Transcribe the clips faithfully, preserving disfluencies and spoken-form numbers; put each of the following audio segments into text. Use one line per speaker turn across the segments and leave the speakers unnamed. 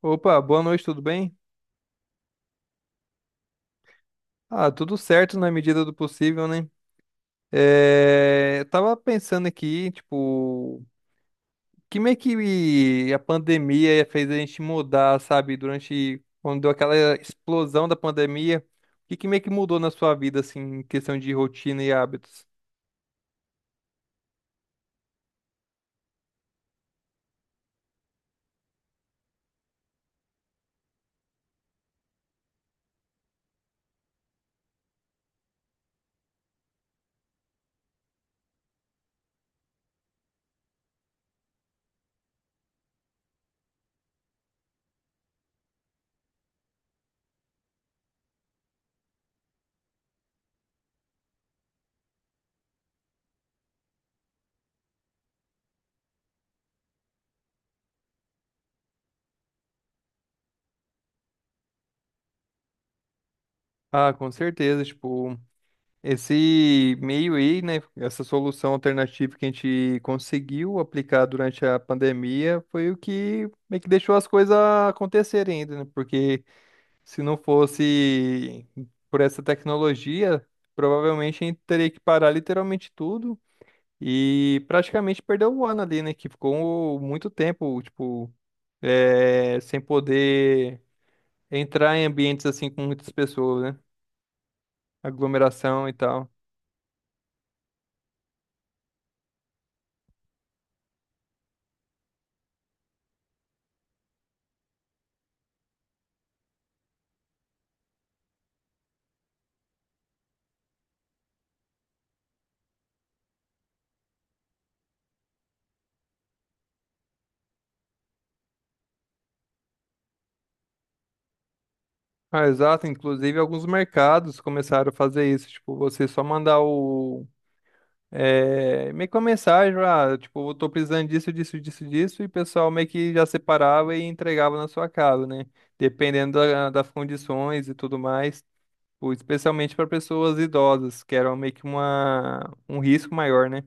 Opa, boa noite, tudo bem? Ah, tudo certo na medida do possível, né? É, eu tava pensando aqui, tipo, que meio que a pandemia fez a gente mudar, sabe? Durante, quando deu aquela explosão da pandemia, o que que meio que mudou na sua vida, assim, em questão de rotina e hábitos? Ah, com certeza, tipo, esse meio aí, né, essa solução alternativa que a gente conseguiu aplicar durante a pandemia foi o que meio que deixou as coisas acontecerem ainda, né? Porque se não fosse por essa tecnologia, provavelmente a gente teria que parar literalmente tudo e praticamente perdeu o ano ali, né? Que ficou muito tempo, tipo, eh, sem poder entrar em ambientes assim com muitas pessoas, né? Aglomeração e tal. Ah, exato. Inclusive, alguns mercados começaram a fazer isso. Tipo, você só mandar o. É, meio que uma mensagem, ah, tipo, eu tô precisando disso, disso, disso, disso, e o pessoal meio que já separava e entregava na sua casa, né? Dependendo da- das condições e tudo mais. Tipo, especialmente para pessoas idosas, que era meio que uma, um risco maior, né?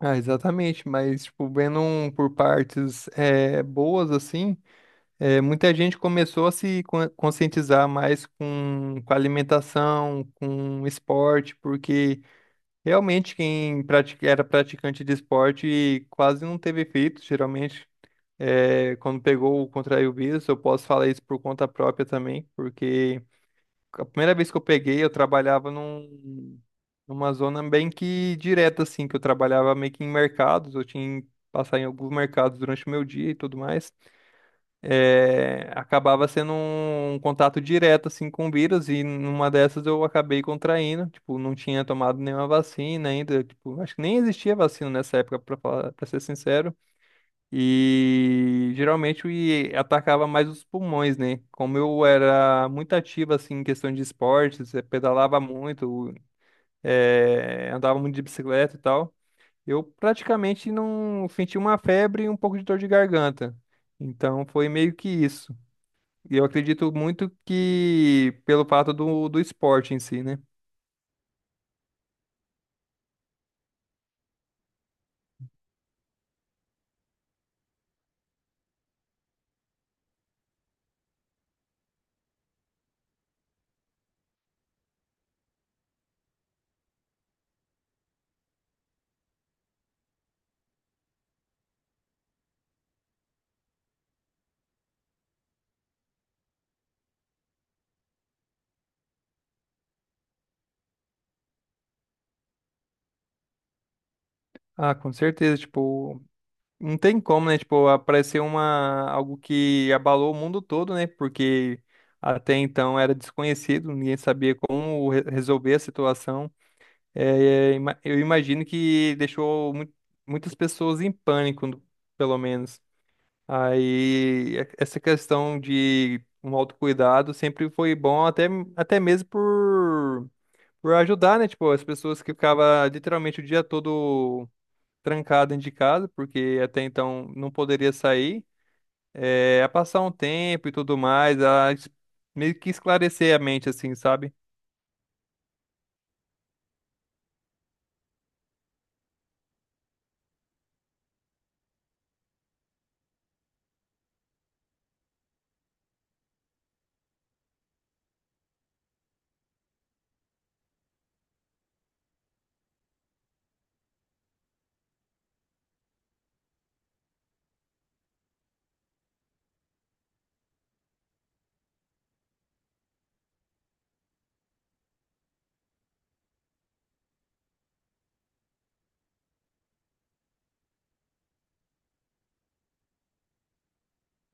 Ah, exatamente. Mas, tipo, vendo um por partes é, boas, assim. É, muita gente começou a se con- conscientizar mais com, com alimentação, com esporte, porque realmente quem pratica- era praticante de esporte quase não teve efeito, geralmente. É, quando pegou, contraiu o vírus, eu posso falar isso por conta própria também, porque a primeira vez que eu peguei, eu trabalhava num, numa zona bem que direta, assim, que eu trabalhava meio que em mercados, eu tinha que passar em alguns mercados durante o meu dia e tudo mais é, acabava sendo um um contato direto assim com o vírus e numa dessas eu acabei contraindo, tipo, não tinha tomado nenhuma vacina ainda, tipo, acho que nem existia vacina nessa época para falar, para ser sincero. E geralmente e atacava mais os pulmões, né? Como eu era muito ativo assim em questão de esportes, eh, pedalava muito, eh, andava muito de bicicleta e tal. Eu praticamente não senti uma febre e um pouco de dor de garganta. Então foi meio que isso. E eu acredito muito que pelo fato do, do esporte em si, né? Ah, com certeza, tipo, não tem como, né? Tipo, aparecer uma, algo que abalou o mundo todo, né? Porque até então era desconhecido, ninguém sabia como re- resolver a situação. É, é, ima- eu imagino que deixou mu- muitas pessoas em pânico, no- pelo menos. Aí, e- essa questão de um autocuidado sempre foi bom, até, até mesmo por por ajudar, né? Tipo, as pessoas que ficavam literalmente o dia todo trancado dentro de casa, porque até então não poderia sair, é, a passar um tempo e tudo mais, a es- meio que esclarecer a mente, assim, sabe?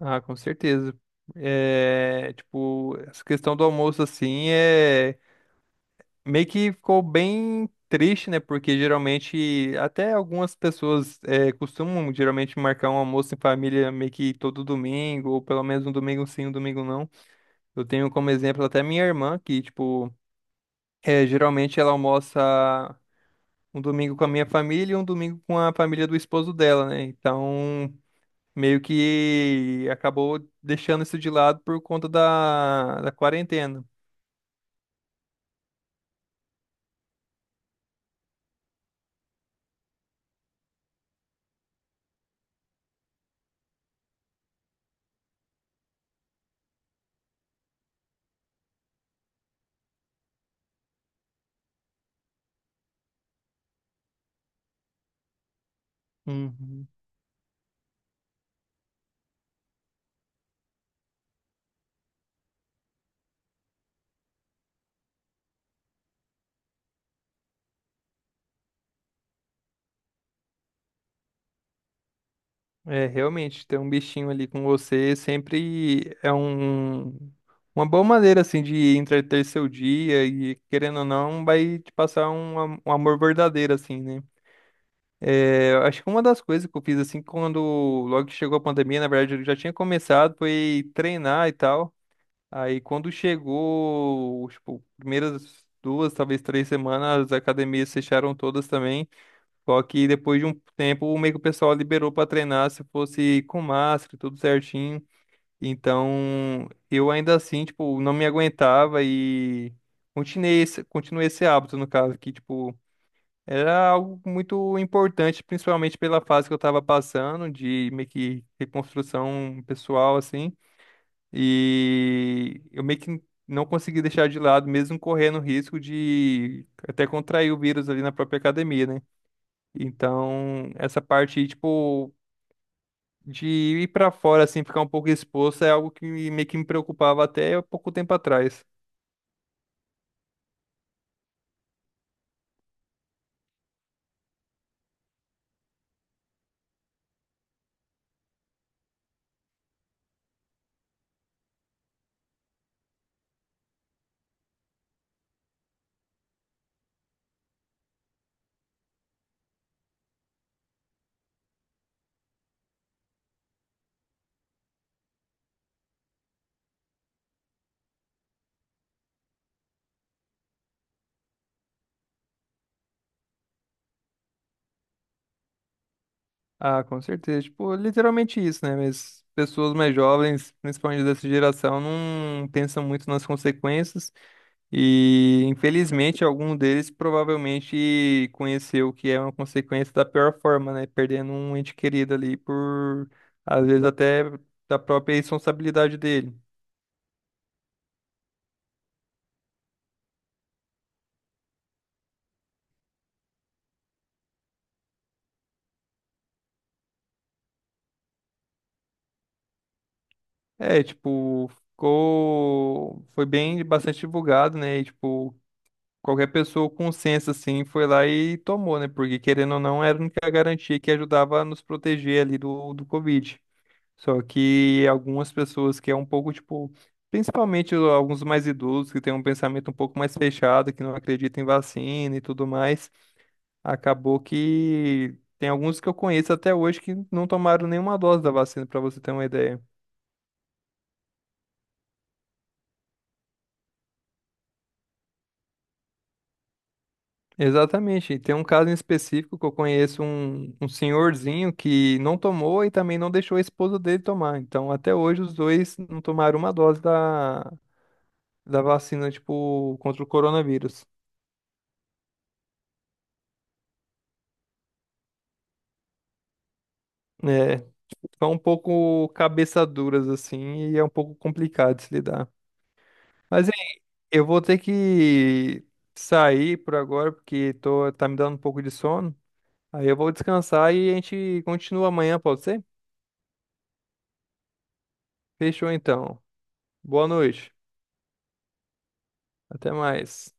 Ah, com certeza. É, tipo, essa questão do almoço, assim, é meio que ficou bem triste, né? Porque geralmente, até algumas pessoas é, costumam geralmente marcar um almoço em família meio que todo domingo, ou pelo menos um domingo sim, um domingo não. Eu tenho como exemplo até minha irmã, que, tipo, é, geralmente ela almoça um domingo com a minha família e um domingo com a família do esposo dela, né? Então, meio que acabou deixando isso de lado por conta da, da quarentena. Uhum. É, realmente, ter um bichinho ali com você sempre é um, uma boa maneira, assim, de entreter seu dia e, querendo ou não, vai te passar um, am- um amor verdadeiro, assim, né? Eu acho que uma das coisas que eu fiz assim, quando logo que chegou a pandemia, na verdade eu já tinha começado, foi treinar e tal. Aí quando chegou, tipo, primeiras duas, talvez três semanas, as academias fecharam todas também. Só que depois de um tempo, meio que o pessoal liberou para treinar se fosse com máscara, tudo certinho. Então, eu ainda assim, tipo, não me aguentava e continuei esse, continuei esse hábito, no caso, que, tipo, era algo muito importante, principalmente pela fase que eu estava passando, de meio que reconstrução pessoal, assim. E eu meio que não consegui deixar de lado, mesmo correndo risco de até contrair o vírus ali na própria academia, né? Então, essa parte, tipo, de ir para fora, assim, ficar um pouco exposto, é algo que meio que me preocupava até pouco tempo atrás. Ah, com certeza. Tipo, literalmente isso, né? Mas pessoas mais jovens, principalmente dessa geração, não pensam muito nas consequências e, infelizmente, algum deles provavelmente conheceu o que é uma consequência da pior forma, né? Perdendo um ente querido ali por, às vezes, até da própria responsabilidade dele. É, tipo, ficou... foi bem, bastante divulgado, né? E, tipo, qualquer pessoa com senso assim foi lá e tomou, né? Porque querendo ou não, era a única garantia que ajudava a nos proteger ali do, do Covid. Só que algumas pessoas que é um pouco tipo, principalmente o- alguns mais idosos que têm um pensamento um pouco mais fechado, que não acreditam em vacina e tudo mais, acabou que tem alguns que eu conheço até hoje que não tomaram nenhuma dose da vacina, para você ter uma ideia. Exatamente. E tem um caso em específico que eu conheço um, um senhorzinho que não tomou e também não deixou a esposa dele tomar. Então, até hoje, os dois não tomaram uma dose da, da vacina, tipo, contra o coronavírus. É, são um pouco cabeça duras, assim, e é um pouco complicado de se lidar. Mas, hein, eu vou ter que sair por agora, porque tô, tá me dando um pouco de sono. Aí eu vou descansar e a gente continua amanhã, pode ser? Fechou, então. Boa noite. Até mais.